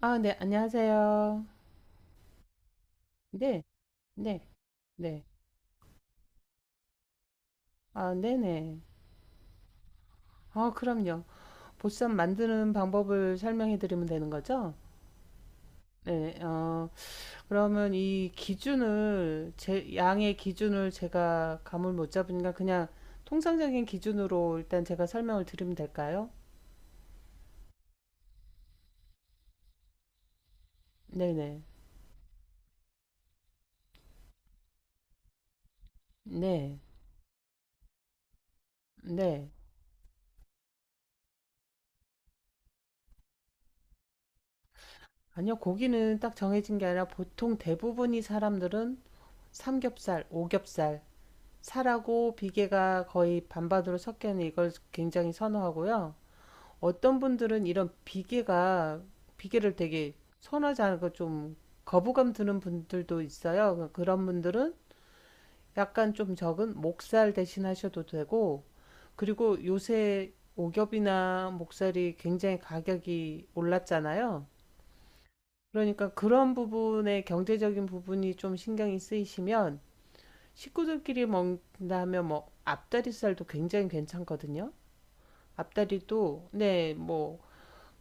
아, 네, 안녕하세요. 네, 네, 네. 아, 네네. 아, 그럼요. 보쌈 만드는 방법을 설명해 드리면 되는 거죠? 네, 그러면 이 기준을, 제, 양의 기준을 제가 감을 못 잡으니까 그냥 통상적인 기준으로 일단 제가 설명을 드리면 될까요? 네네. 네, 네. 아니요, 고기는 딱 정해진 게 아니라 보통 대부분이 사람들은 삼겹살, 오겹살, 살하고 비계가 거의 반반으로 섞여 있는 이걸 굉장히 선호하고요. 어떤 분들은 이런 비계가 비계를 되게 선호하지 않고 좀 거부감 드는 분들도 있어요. 그러니까 그런 분들은 약간 좀 적은 목살 대신 하셔도 되고, 그리고 요새 오겹이나 목살이 굉장히 가격이 올랐잖아요. 그러니까 그런 부분에 경제적인 부분이 좀 신경이 쓰이시면 식구들끼리 먹는다면 뭐 앞다리살도 굉장히 괜찮거든요. 앞다리도 네, 뭐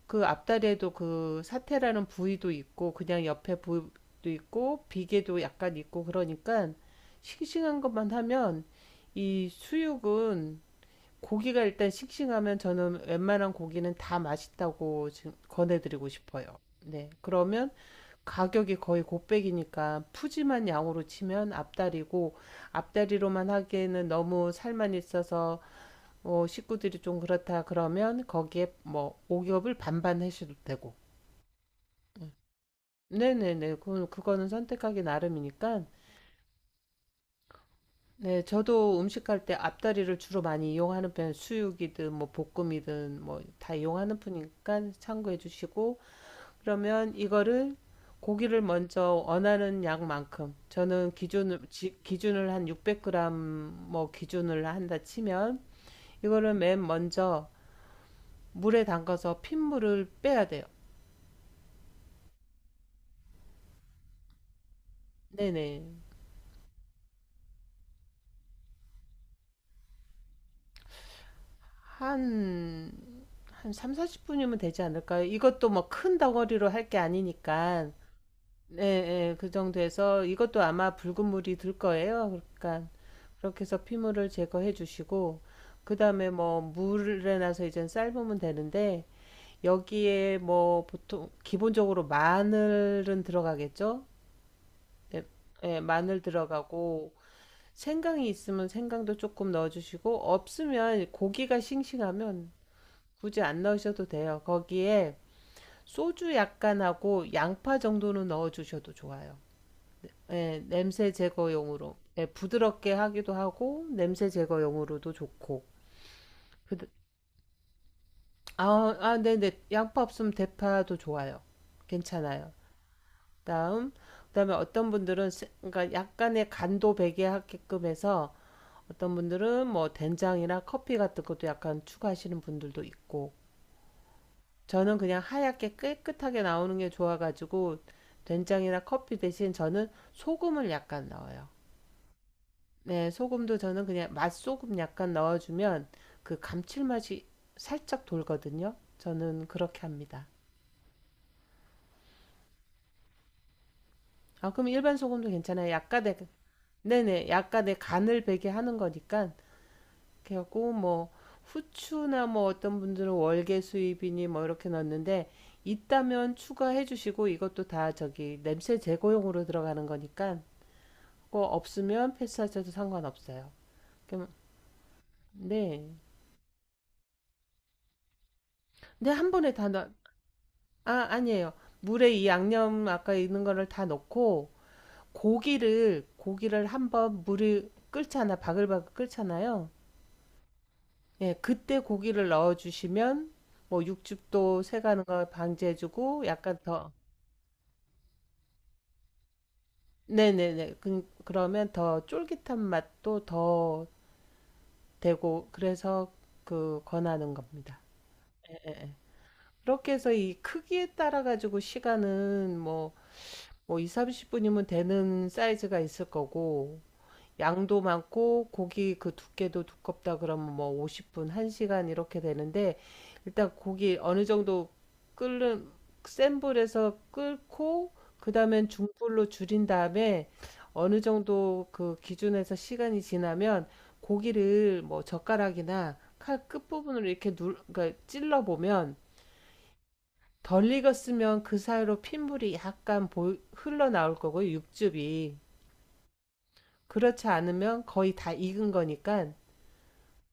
그 앞다리에도 그 사태라는 부위도 있고 그냥 옆에 부위도 있고 비계도 약간 있고 그러니까 싱싱한 것만 하면 이 수육은 고기가 일단 싱싱하면 저는 웬만한 고기는 다 맛있다고 지금 권해드리고 싶어요. 네, 그러면 가격이 거의 곱백이니까 푸짐한 양으로 치면 앞다리고, 앞다리로만 하기에는 너무 살만 있어서 뭐 식구들이 좀 그렇다 그러면 거기에 뭐 오겹을 반반 해셔도 되고. 음. 네네네, 그 그거는 선택하기 나름이니까. 네, 저도 음식할 때 앞다리를 주로 많이 이용하는 편, 수육이든 뭐 볶음이든 뭐 다 이용하는 편이니까 참고해 주시고, 그러면 이거를 고기를 먼저 원하는 양만큼 저는 기준을 한 600g, 뭐 기준을 한다 치면 이거를 맨 먼저 물에 담가서 핏물을 빼야 돼요. 네네. 한, 한 3, 40분이면 되지 않을까요? 이것도 뭐 큰 덩어리로 할 게 아니니까. 네, 네, 그 정도에서 이것도 아마 붉은 물이 들 거예요. 그러니까 그렇게 해서 피물을 제거해 주시고 그 다음에 뭐 물에 나서 이제 삶으면 되는데, 여기에 뭐 보통 기본적으로 마늘은 들어가겠죠? 예, 예, 마늘 들어가고 생강이 있으면 생강도 조금 넣어주시고, 없으면 고기가 싱싱하면 굳이 안 넣으셔도 돼요. 거기에 소주 약간 하고 양파 정도는 넣어주셔도 좋아요. 예, 냄새 제거용으로. 예, 부드럽게 하기도 하고 냄새 제거용으로도 좋고. 그- 아, 아, 네네. 양파 없으면 대파도 좋아요. 괜찮아요. 다음, 그다음에 그러니까 약간의 간도 배게 하게끔 해서 어떤 분들은 뭐 된장이나 커피 같은 것도 약간 추가하시는 분들도 있고, 저는 그냥 하얗게 깨끗하게 나오는 게 좋아가지고 된장이나 커피 대신 저는 소금을 약간 넣어요. 네, 소금도 저는 그냥 맛소금 약간 넣어주면 그 감칠맛이 살짝 돌거든요. 저는 그렇게 합니다. 아, 그럼 일반 소금도 괜찮아요. 약간의, 네네, 약간의 간을 배게 하는 거니까. 그래고뭐 후추나 뭐 어떤 분들은 월계 수잎이니 뭐 이렇게 넣는데, 있다면 추가해 주시고 이것도 다 저기 냄새 제거용으로 들어가는 거니까 그거 없으면 패스하셔도 상관없어요. 그럼 네. 근데 한 번에 다 넣, 아, 아니에요. 물에 이 양념 아까 있는 거를 다 넣고 고기를 한번 물을 끓잖아, 바글바글 끓잖아요. 예, 그때 고기를 넣어주시면 뭐 육즙도 새가는 걸 방지해주고 약간 더, 네네네, 그러면 더 쫄깃한 맛도 더 되고, 그래서 그 권하는 겁니다. 그렇게 해서 이 크기에 따라 가지고 시간은 뭐, 뭐 2, 30분이면 되는 사이즈가 있을 거고, 양도 많고 고기 그 두께도 두껍다 그러면 뭐 50분, 1시간 이렇게 되는데, 일단 고기 어느 정도 끓는, 센 불에서 끓고 그다음엔 중불로 줄인 다음에 어느 정도 그 기준에서 시간이 지나면 고기를 뭐 젓가락이나 칼 끝부분으로 이렇게 눌, 그러니까 찔러 보면 덜 익었으면 그 사이로 핏물이 흘러나올 거고요, 육즙이. 그렇지 않으면 거의 다 익은 거니까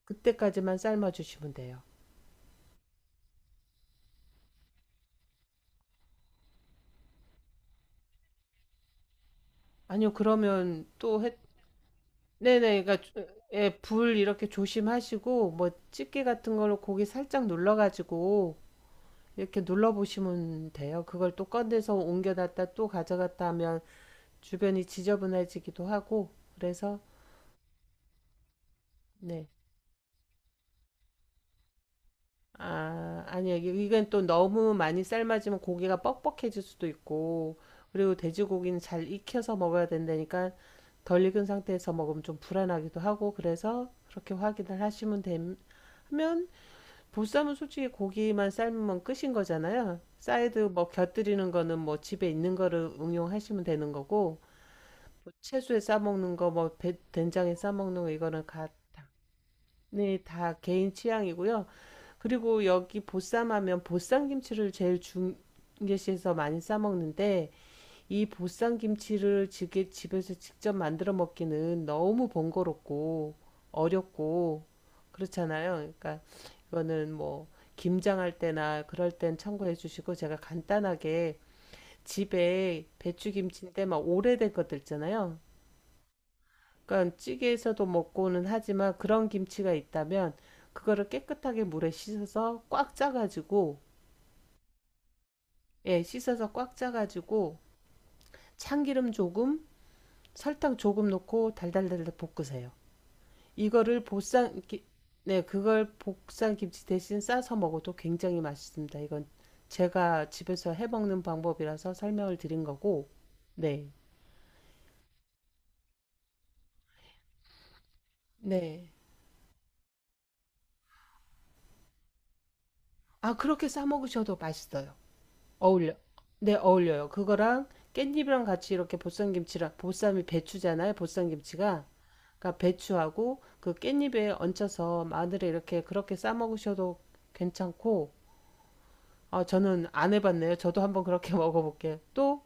그때까지만 삶아주시면 돼요. 아니요, 그러면 네네, 예, 불 이렇게 조심하시고 뭐 집게 같은 걸로 고기 살짝 눌러가지고 이렇게 눌러보시면 돼요. 그걸 또 꺼내서 옮겨놨다 또 가져갔다 하면 주변이 지저분해지기도 하고, 그래서 네, 아, 아니야. 이건 또 너무 많이 삶아지면 고기가 뻑뻑해질 수도 있고, 그리고 돼지고기는 잘 익혀서 먹어야 된다니까 덜 익은 상태에서 먹으면 좀 불안하기도 하고, 그래서 그렇게 확인을 하시면 되면 보쌈은 솔직히 고기만 삶으면 끝인 거잖아요. 사이드 뭐 곁들이는 거는 뭐 집에 있는 거를 응용하시면 되는 거고, 뭐 채소에 싸먹는 거, 된장에 싸먹는 거, 네, 다 개인 취향이고요. 그리고 여기 보쌈하면 보쌈김치를 제일 중계시에서 많이 싸먹는데 이 보쌈김치를 집에서 직접 만들어 먹기는 너무 번거롭고 어렵고 그렇잖아요. 그러니까 이거는 뭐 김장할 때나 그럴 땐 참고해 주시고, 제가 간단하게 집에 배추김치인데 막 오래된 것들 있잖아요. 그러니까 찌개에서도 먹고는 하지만 그런 김치가 있다면 그거를 깨끗하게 물에 씻어서 꽉 짜가지고, 예, 씻어서 꽉 짜가지고 참기름 조금, 설탕 조금 넣고 달달달달 볶으세요. 이거를 보쌈, 기- 네, 그걸 보쌈 김치 대신 싸서 먹어도 굉장히 맛있습니다. 이건 제가 집에서 해 먹는 방법이라서 설명을 드린 거고, 네, 네. 아, 그렇게 싸 먹으셔도 맛있어요. 어울려. 네, 어울려요. 그거랑 깻잎이랑 같이 이렇게 보쌈 김치랑, 보쌈이 배추잖아요, 보쌈 김치가. 그러니까 배추하고 그 깻잎에 얹혀서 마늘에 이렇게 그렇게 싸 먹으셔도 괜찮고, 아, 저는 안 해봤네요. 저도 한번 그렇게 먹어볼게요. 또,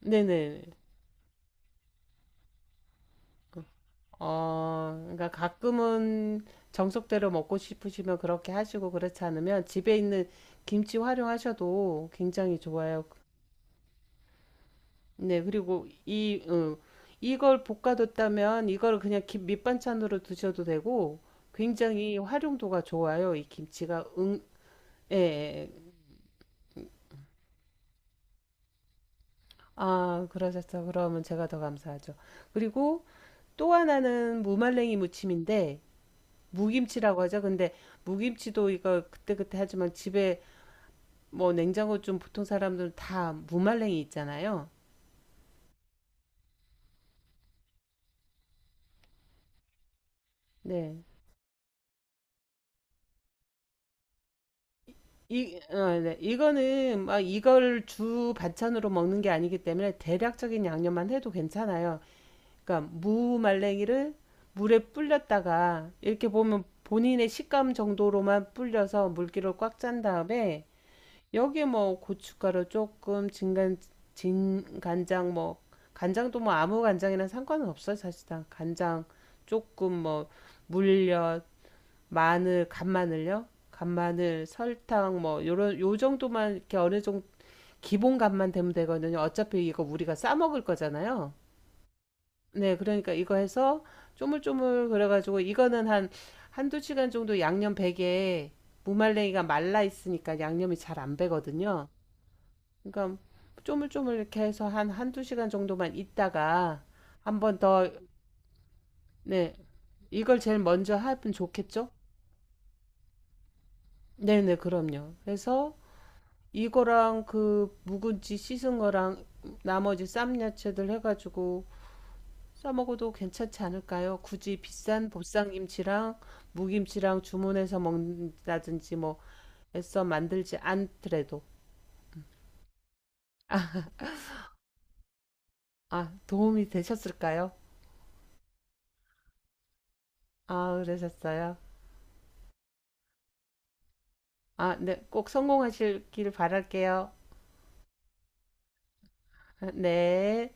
네네. 어, 그러니까 가끔은 정석대로 먹고 싶으시면 그렇게 하시고, 그렇지 않으면 집에 있는 김치 활용하셔도 굉장히 좋아요. 네, 그리고 이, 이걸 볶아뒀다면 이걸 그냥 김, 밑반찬으로 드셔도 되고, 굉장히 활용도가 좋아요. 이 김치가 응, 예, 예, 예. 아, 그러셨어. 그러면 제가 더 감사하죠. 그리고 또 하나는 무말랭이 무침인데 무김치라고 하죠. 근데 무김치도 이거 그때그때 하지만 집에 뭐 냉장고 좀 보통 사람들은 다 무말랭이 있잖아요. 네. 이, 어, 네. 이거는 막 이걸 주 반찬으로 먹는 게 아니기 때문에 대략적인 양념만 해도 괜찮아요. 그러니까 무말랭이를 물에 불렸다가 이렇게 보면 본인의 식감 정도로만 불려서 물기를 꽉 짠 다음에 여기에 뭐 고춧가루 조금, 진간장 뭐, 간장도 뭐 아무 간장이랑 상관은 없어요, 사실상. 간장 조금 뭐 물엿, 마늘, 간마늘요? 간마늘, 설탕 뭐 요런 요 정도만 이렇게 어느 정도 기본 간만 되면 되거든요. 어차피 이거 우리가 싸 먹을 거잖아요. 네, 그러니까 이거 해서 쪼물쪼물 그래가지고, 이거는 한 한두 시간 정도 양념 배게, 무말랭이가 말라 있으니까 양념이 잘 안 배거든요. 그러니까 쪼물쪼물 이렇게 해서 한 한두 시간 정도만 있다가 한번 더, 네, 이걸 제일 먼저 하면 좋겠죠? 네네, 그럼요. 그래서 이거랑 그 묵은지 씻은 거랑 나머지 쌈 야채들 해가지고 싸먹어도 괜찮지 않을까요? 굳이 비싼 보쌈김치랑 무김치랑 주문해서 먹는다든지 뭐 애써 만들지 않더라도. 아, 도움이 되셨을까요? 아, 그러셨어요? 아, 네, 꼭 성공하시길 바랄게요. 네.